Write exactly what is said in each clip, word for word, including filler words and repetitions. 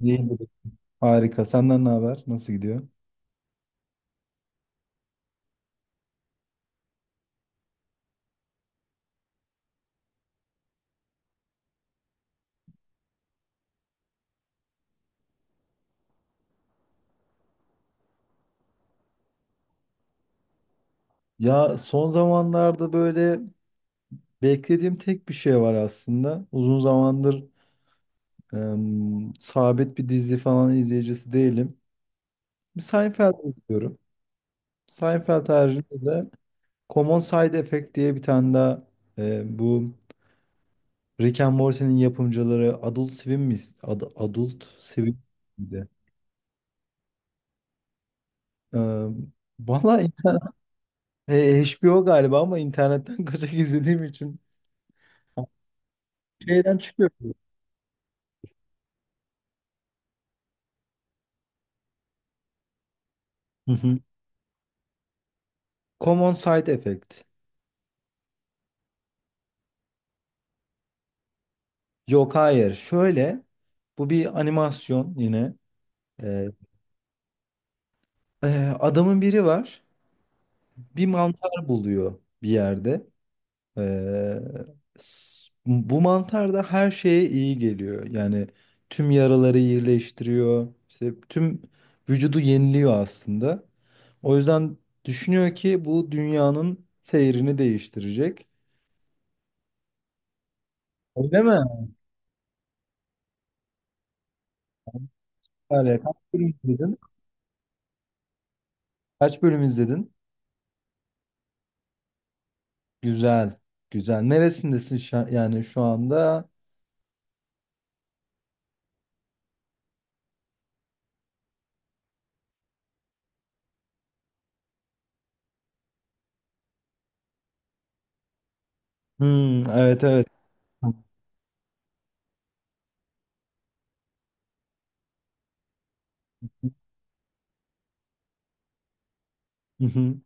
İyidir. Harika. Senden ne haber? Nasıl gidiyor? Ya son zamanlarda böyle beklediğim tek bir şey var aslında. Uzun zamandır em, sabit bir dizi falan izleyicisi değilim. Bir Seinfeld izliyorum. Seinfeld haricinde de Common Side Effect diye bir tane daha e, bu Rick and Morty'nin yapımcıları Adult Swim mi? Ad- Adult Swim miydi? Em, Valla in- e, H B O galiba ama internetten kaçak izlediğim için şeyden çıkıyor. Hı hı. Common Side Effect. Yok hayır. Şöyle bu bir animasyon yine. Ee, e, adamın biri var. Bir mantar buluyor bir yerde. Ee, s- bu mantar da her şeye iyi geliyor. Yani tüm yaraları iyileştiriyor. İşte tüm vücudu yeniliyor aslında. O yüzden düşünüyor ki bu dünyanın seyrini değiştirecek. Öyle mi? Öyle. Kaç bölüm izledin? Kaç bölüm izledin? Güzel. Güzel. Neresindesin şu an- yani şu anda? Hmm, evet, evet. Hı hı.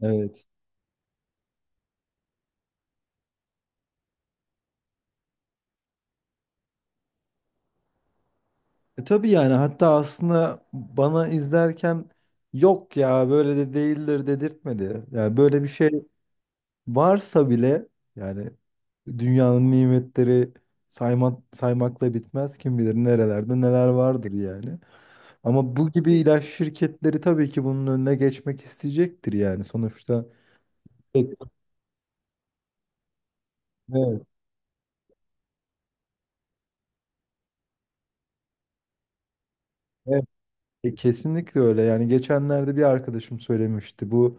Evet. E tabii yani, hatta aslında bana izlerken yok ya, böyle de değildir dedirtmedi. Yani böyle bir şey varsa bile, yani dünyanın nimetleri sayma, saymakla bitmez. Kim bilir nerelerde neler vardır yani. Ama bu gibi ilaç şirketleri tabii ki bunun önüne geçmek isteyecektir yani sonuçta. Evet, evet, E, kesinlikle öyle. Yani geçenlerde bir arkadaşım söylemişti. Bu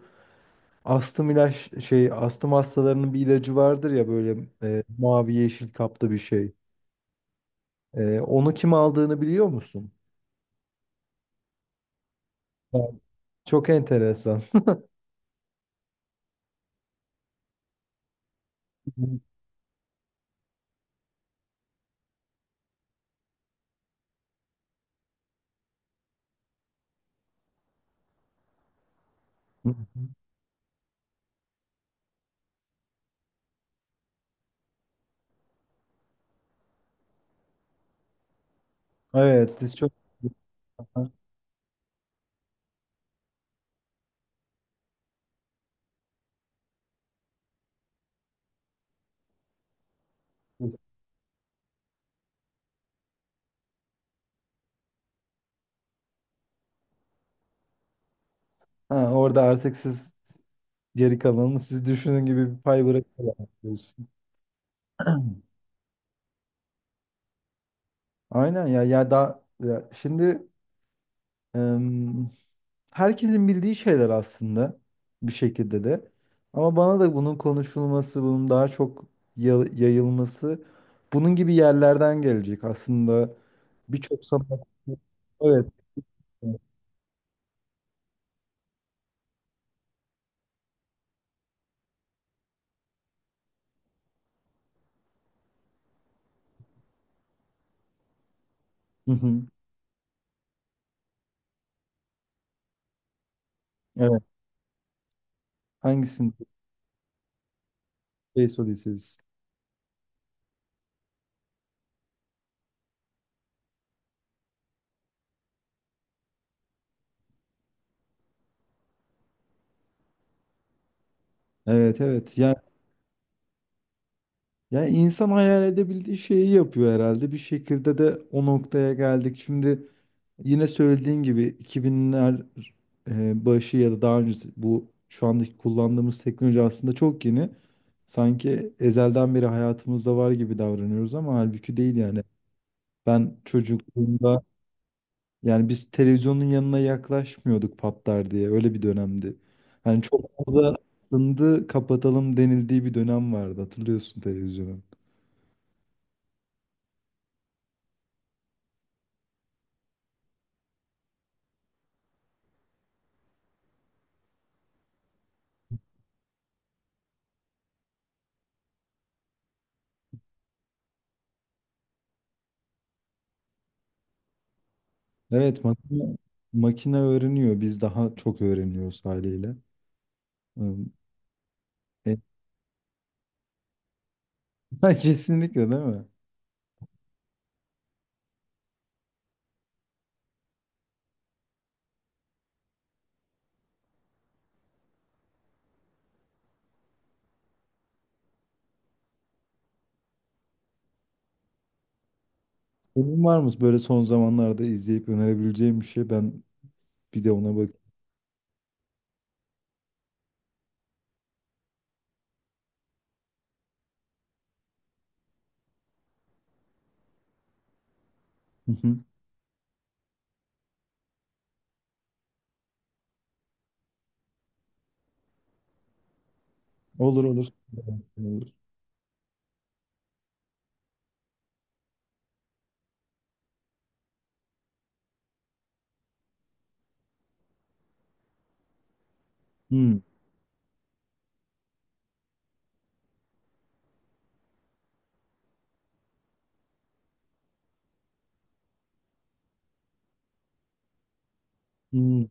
astım ilaç şey astım hastalarının bir ilacı vardır ya, böyle e, mavi yeşil kapta bir şey. E, onu kim aldığını biliyor musun? Evet. Çok enteresan. Evet, siz çok ha, orada artık siz geri kalanını siz düşünün gibi bir pay bırakıyorsunuz. Aynen ya, ya da ya şimdi herkesin bildiği şeyler aslında bir şekilde de. Ama bana da bunun konuşulması, bunun daha çok ya- yayılması, bunun gibi yerlerden gelecek. Aslında birçok sanat... Evet. Hı hı. Evet. Hangisini? Space Odyssey. Evet, evet. Yani, yani insan hayal edebildiği şeyi yapıyor herhalde. Bir şekilde de o noktaya geldik. Şimdi yine söylediğin gibi iki binler e, başı ya da daha önce, bu şu andaki kullandığımız teknoloji aslında çok yeni. Sanki ezelden beri hayatımızda var gibi davranıyoruz ama halbuki değil yani. Ben çocukluğumda yani biz televizyonun yanına yaklaşmıyorduk, patlar diye, öyle bir dönemdi. Yani çok fazla ındı kapatalım denildiği bir dönem vardı, hatırlıyorsun televizyonun. Evet, makine, makine öğreniyor, biz daha çok öğreniyoruz haliyle. Ee, Ha, kesinlikle değil mi? Senin var mı böyle son zamanlarda izleyip önerebileceğim bir şey? Ben bir de ona bak. Hı hı. Olur, olur. Olur. Hı, hı.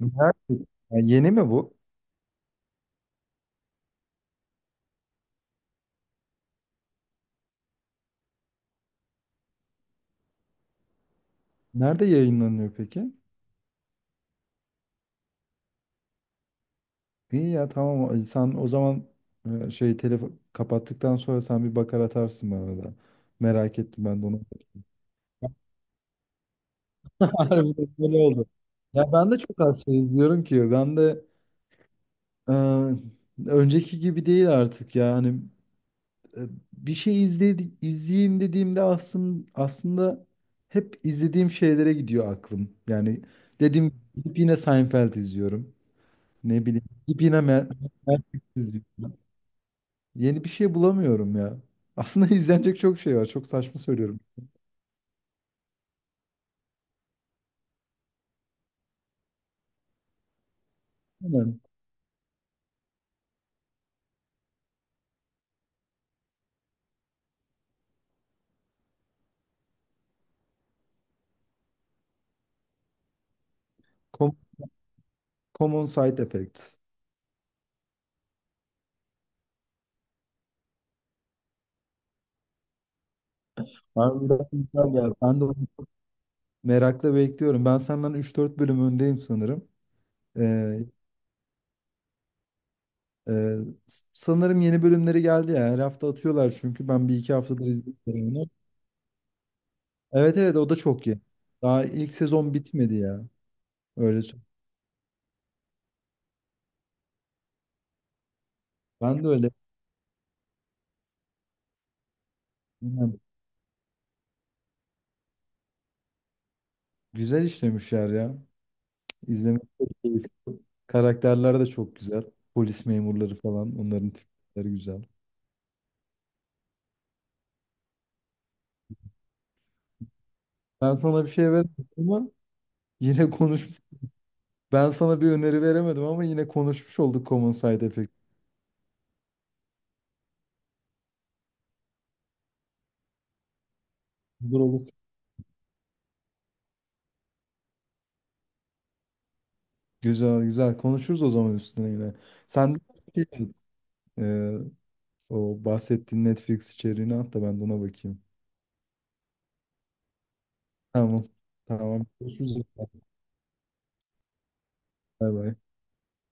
Nerede? Ya yeni mi bu? Nerede yayınlanıyor peki? İyi ya, tamam. Sen o zaman e, şey telefon kapattıktan sonra sen bir bakar atarsın bana da. Merak ettim ben de onu. Harbiden böyle oldu. Ya ben de çok az şey izliyorum ki. Ben de e, önceki gibi değil artık ya. Hani e, bir şey izledi, izleyeyim dediğimde aslında aslında hep izlediğim şeylere gidiyor aklım. Yani dediğim gibi gidip yine Seinfeld izliyorum. Ne bileyim gidip yine Mer- Matrix izliyorum. Yeni bir şey bulamıyorum ya. Aslında izlenecek çok şey var. Çok saçma söylüyorum. Aynen. Com- Common Side Effects. Harbiden güzel ya. Ben de onu merakla bekliyorum. Ben senden üç dört bölüm öndeyim sanırım. Ee, Ee, sanırım yeni bölümleri geldi ya. Her hafta atıyorlar çünkü ben bir iki haftadır izliyorum onu. Evet, evet, o da çok iyi. Daha ilk sezon bitmedi ya. Öyle. sö- Ben de öyle. Bilmem. Güzel işlemişler ya. İzlemek çok keyifli. Karakterler de çok güzel. Polis memurları falan, onların tipleri güzel. Ben sana bir şey veremedim ama yine konuş. Ben sana bir öneri veremedim ama yine konuşmuş olduk, Common Side Effect. Olur, olur. Güzel, güzel. Konuşuruz o zaman üstüne yine. Sen de şey, o bahsettiğin Netflix içeriğini at da ben de ona bakayım. Tamam. Tamam. Görüşürüz. Bay bay.